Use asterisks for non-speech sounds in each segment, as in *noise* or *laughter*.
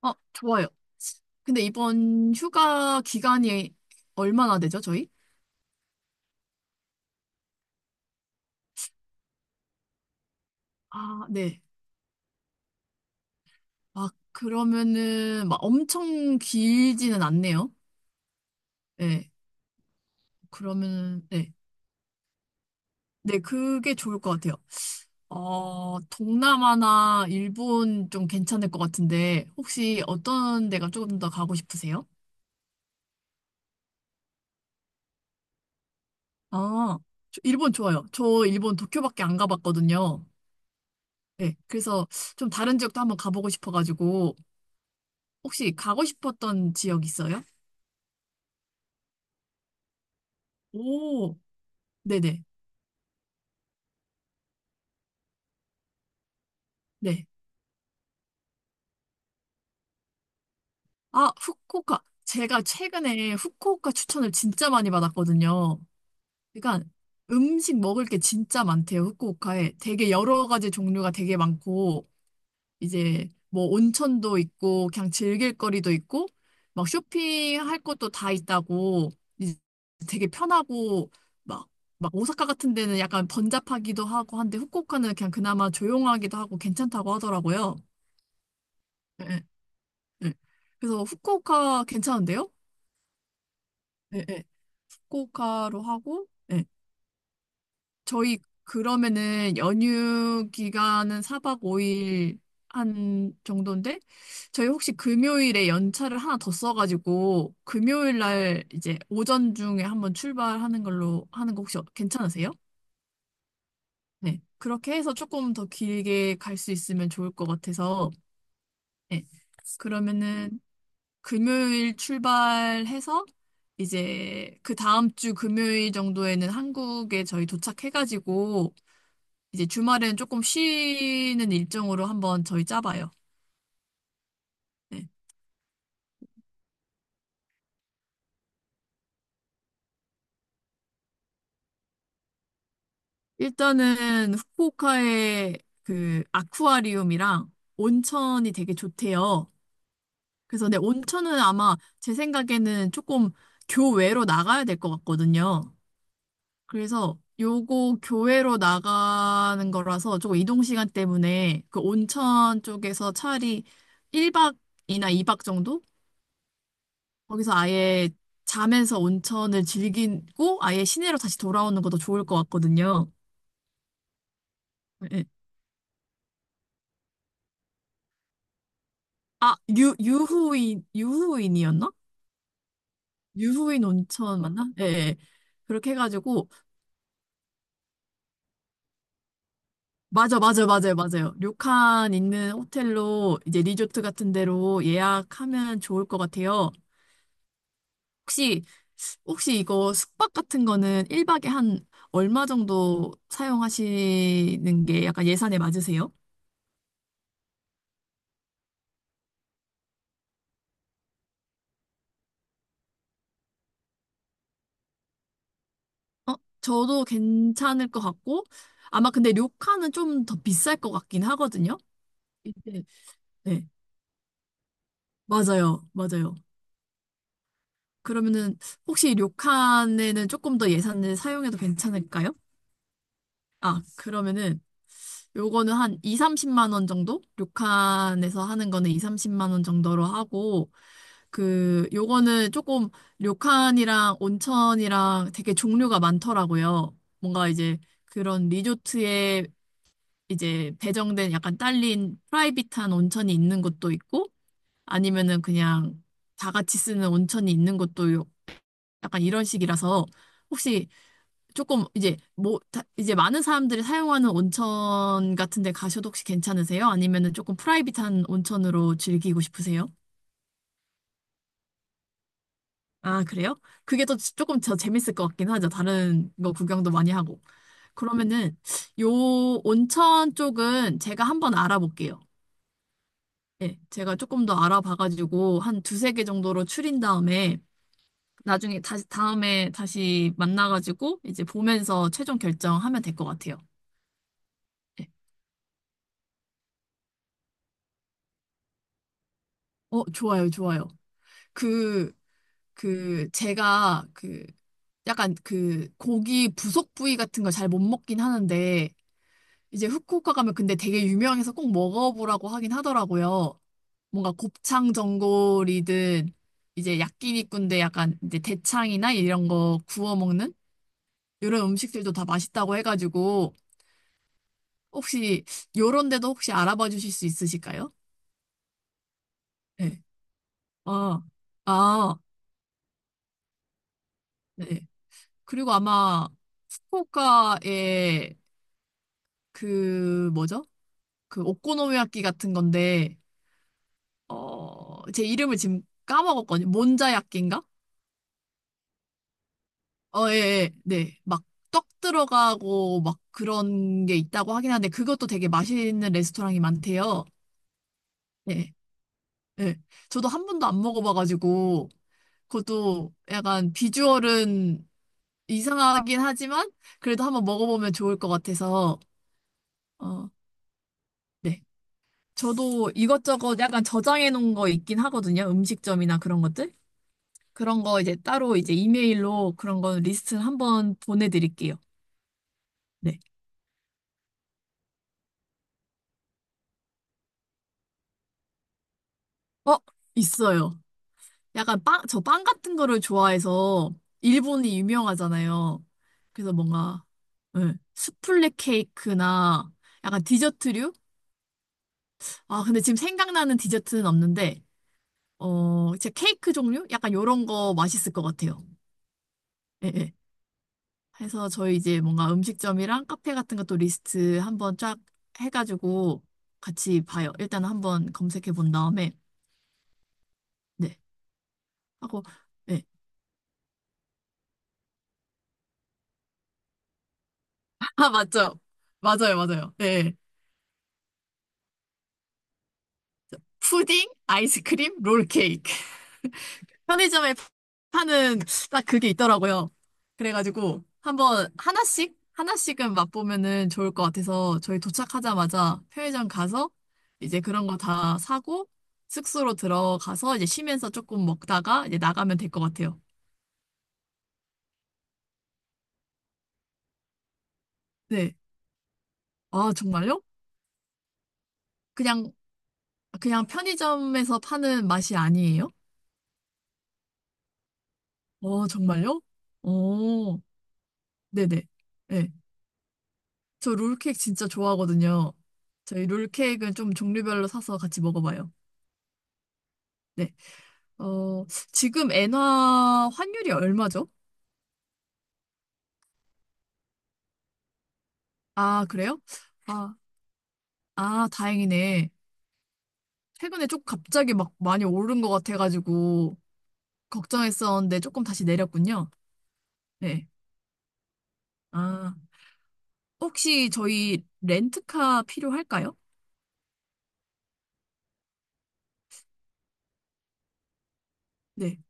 아, 좋아요. 근데 이번 휴가 기간이 얼마나 되죠, 저희? 아, 네. 아, 그러면은, 막 엄청 길지는 않네요. 네. 그러면은, 네. 네, 그게 좋을 것 같아요. 어, 동남아나 일본 좀 괜찮을 것 같은데, 혹시 어떤 데가 조금 더 가고 싶으세요? 아, 저 일본 좋아요. 저 일본 도쿄밖에 안 가봤거든요. 네. 그래서 좀 다른 지역도 한번 가보고 싶어가지고, 혹시 가고 싶었던 지역 있어요? 오, 네네, 네. 아, 후쿠오카. 제가 최근에 후쿠오카 추천을 진짜 많이 받았거든요. 그러니까 음식 먹을 게 진짜 많대요, 후쿠오카에. 되게 여러 가지 종류가 되게 많고, 이제 뭐 온천도 있고, 그냥 즐길 거리도 있고, 막 쇼핑할 것도 다 있다고, 이제 되게 편하고, 막, 막 오사카 같은 데는 약간 번잡하기도 하고 한데, 후쿠오카는 그냥 그나마 조용하기도 하고 괜찮다고 하더라고요. 예, 예. 네. 그래서 후쿠오카 괜찮은데요? 네, 네. 후쿠오카로 하고, 네. 저희 그러면은 연휴 기간은 4박 5일 한 정도인데, 저희 혹시 금요일에 연차를 하나 더 써가지고, 금요일 날 이제 오전 중에 한번 출발하는 걸로 하는 거 혹시 괜찮으세요? 네. 그렇게 해서 조금 더 길게 갈 수 있으면 좋을 것 같아서, 네. 그러면은 금요일 출발해서 이제 그 다음 주 금요일 정도에는 한국에 저희 도착해가지고 이제 주말에는 조금 쉬는 일정으로 한번 저희 짜봐요. 네. 일단은 후쿠오카의 그 아쿠아리움이랑 온천이 되게 좋대요. 그래서 네, 온천은 아마 제 생각에는 조금 교외로 나가야 될 것 같거든요. 그래서 요거 교외로 나가는 거라서 조금 이동 시간 때문에 그 온천 쪽에서 차라리 1박이나 2박 정도? 거기서 아예 자면서 온천을 즐기고 아예 시내로 다시 돌아오는 것도 좋을 것 같거든요. 예. 아, 유후인, 유후인이었나? 유후인 온천 맞나? 예. 예. 그렇게 해가지고, 맞아, 맞아, 맞아요, 맞아요. 료칸 있는 호텔로 이제 리조트 같은 데로 예약하면 좋을 것 같아요. 혹시 혹시 이거 숙박 같은 거는 1박에 한 얼마 정도 사용하시는 게 약간 예산에 맞으세요? 어? 저도 괜찮을 것 같고 아마 근데 료칸은 좀 더 비쌀 것 같긴 하거든요. 이게- 네, 맞아요. 맞아요. 그러면은 혹시 료칸에는 조금 더 예산을 사용해도 괜찮을까요? 아, 그러면은 요거는 한 2, 30만 원 정도? 료칸에서 하는 거는 2, 30만 원 정도로 하고, 그, 요거는 조금 료칸이랑 온천이랑 되게 종류가 많더라고요. 뭔가 이제 그런 리조트에 이제 배정된 약간 딸린 프라이빗한 온천이 있는 곳도 있고, 아니면은 그냥 다 같이 쓰는 온천이 있는 곳도 약간 이런 식이라서, 혹시 조금 이제 뭐 이제 많은 사람들이 사용하는 온천 같은 데 가셔도 혹시 괜찮으세요? 아니면은 조금 프라이빗한 온천으로 즐기고 싶으세요? 아, 그래요? 조금 더 재밌을 것 같긴 하죠. 다른 거 구경도 많이 하고. 그러면은 요 온천 쪽은 제가 한번 알아볼게요. 예, 제가 조금 더 알아봐가지고 한 두세 개 정도로 추린 다음에 나중에 다시 다음에 다시 만나가지고 이제 보면서 최종 결정하면 될 것 같아요. 예. 어, 좋아요, 좋아요. 그 제가 약간 고기 부속 부위 같은 걸 잘 못 먹긴 하는데 이제 후쿠오카 가면 근데 되게 유명해서 꼭 먹어보라고 하긴 하더라고요. 뭔가 곱창 전골이든 이제 야끼니꾼데 약간 이제 대창이나 이런 거 구워 먹는 이런 음식들도 다 맛있다고 해가지고 혹시 요런 데도 혹시 알아봐 주실 수 있으실까요? 네. 아, 아, 네. 그리고 아마 후쿠오카에 그 뭐죠? 그 오코노미야끼 같은 건데 어, 제 이름을 지금 까먹었거든요. 몬자야끼인가? 어, 예, 예, 네. 막 떡 들어가고 막 그런 게 있다고 하긴 하는데 그것도 되게 맛있는 레스토랑이 많대요. 예, 예. 저도 한 번도 안 먹어봐가지고 그것도 약간 비주얼은 이상하긴 하지만 그래도 한번 먹어보면 좋을 것 같아서 어, 네. 저도 이것저것 약간 저장해 놓은 거 있긴 하거든요. 음식점이나 그런 것들. 그런 거 이제 따로 이제 이메일로 그런 거 리스트 한번 보내드릴게요. 네. 어, 있어요. 약간 빵, 저 빵 같은 거를 좋아해서 일본이 유명하잖아요. 그래서 뭔가, 예, 수플레 케이크나 약간 디저트류? 아, 근데 지금 생각나는 디저트는 없는데, 어, 진짜 케이크 종류? 약간 요런 거 맛있을 것 같아요. 예, 예. 해서 저희 이제 뭔가 음식점이랑 카페 같은 것도 리스트 한번 쫙 해가지고 같이 봐요. 일단 한번 검색해 본 다음에 네 하고 네. *laughs* 아 맞죠? 맞아요, 맞아요. 네. 푸딩, 아이스크림, 롤케이크. 편의점에 파는 딱 그게 있더라고요. 그래가지고 한번 하나씩 하나씩은 맛보면은 좋을 것 같아서 저희 도착하자마자 편의점 가서 이제 그런 거 다 사고 숙소로 들어가서 이제 쉬면서 조금 먹다가 이제 나가면 될 것 같아요. 네. 아, 정말요? 그냥 그냥 편의점에서 파는 맛이 아니에요? 어, 정말요? 오, 네네. 네. 저 롤케이크 진짜 좋아하거든요. 저희 롤케이크는 좀 종류별로 사서 같이 먹어봐요. 네. 어, 지금 엔화 환율이 얼마죠? 아, 그래요? 아, 아, 다행이네. 최근에 좀 갑자기 막 많이 오른 것 같아가지고 걱정했었는데 조금 다시 내렸군요. 네. 아, 혹시 저희 렌트카 필요할까요? 네.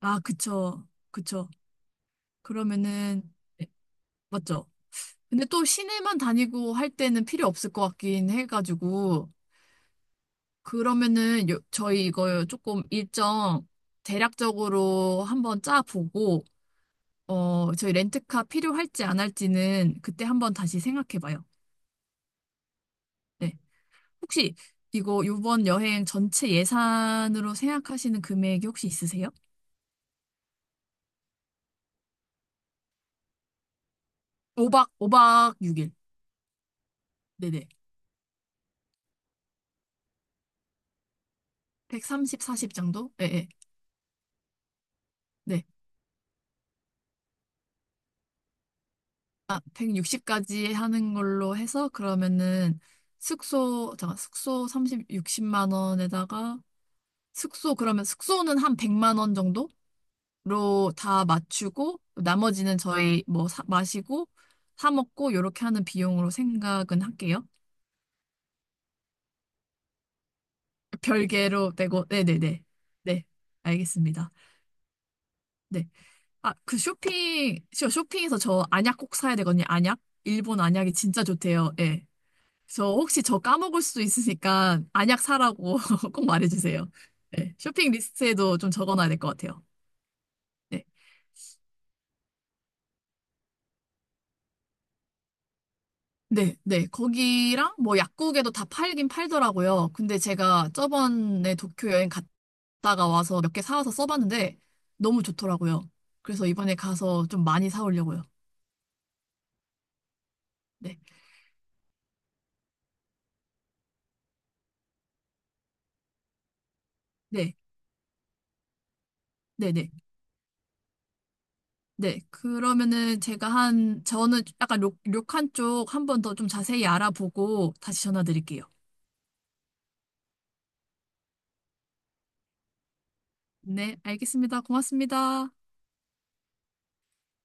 아, 그쵸. 그쵸. 그러면은, 네, 맞죠? 근데 또 시내만 다니고 할 때는 필요 없을 것 같긴 해가지고, 그러면은 요, 저희 이거 조금 일정 대략적으로 한번 짜보고, 어, 저희 렌트카 필요할지 안 할지는 그때 한번 다시 생각해봐요. 네. 혹시 이거 이번 여행 전체 예산으로 생각하시는 금액이 혹시 있으세요? 5박, 오박 6일. 네네. 130, 40 정도? 예, 예. 네. 아, 160까지 하는 걸로 해서 그러면은 숙소, 잠깐, 숙소 삼십 60만 원에다가 숙소, 그러면 숙소는 한 100만 원 정도로 다 맞추고, 나머지는 저희 뭐 사, 마시고, 사 먹고, 요렇게 하는 비용으로 생각은 할게요. 별개로 내고, 네네네. 네, 알겠습니다. 네. 아, 그 쇼핑, 쇼핑에서 저 안약 꼭 사야 되거든요. 안약? 일본 안약이 진짜 좋대요. 예. 저 혹시 저 까먹을 수도 있으니까 안약 사라고 *laughs* 꼭 말해주세요. 네. 쇼핑 리스트에도 좀 적어놔야 될 것 같아요. 네. 네, 네. 거기랑 뭐 약국에도 다 팔긴 팔더라고요. 근데 제가 저번에 도쿄 여행 갔다가 와서 몇 개 사와서 써봤는데 너무 좋더라고요. 그래서 이번에 가서 좀 많이 사오려고요. 네, 네, 네, 네. 네. 그러면은 제가 한, 저는 약간 료칸 쪽 한번 더 좀 자세히 알아보고 다시 전화 드릴게요. 네, 알겠습니다. 고맙습니다.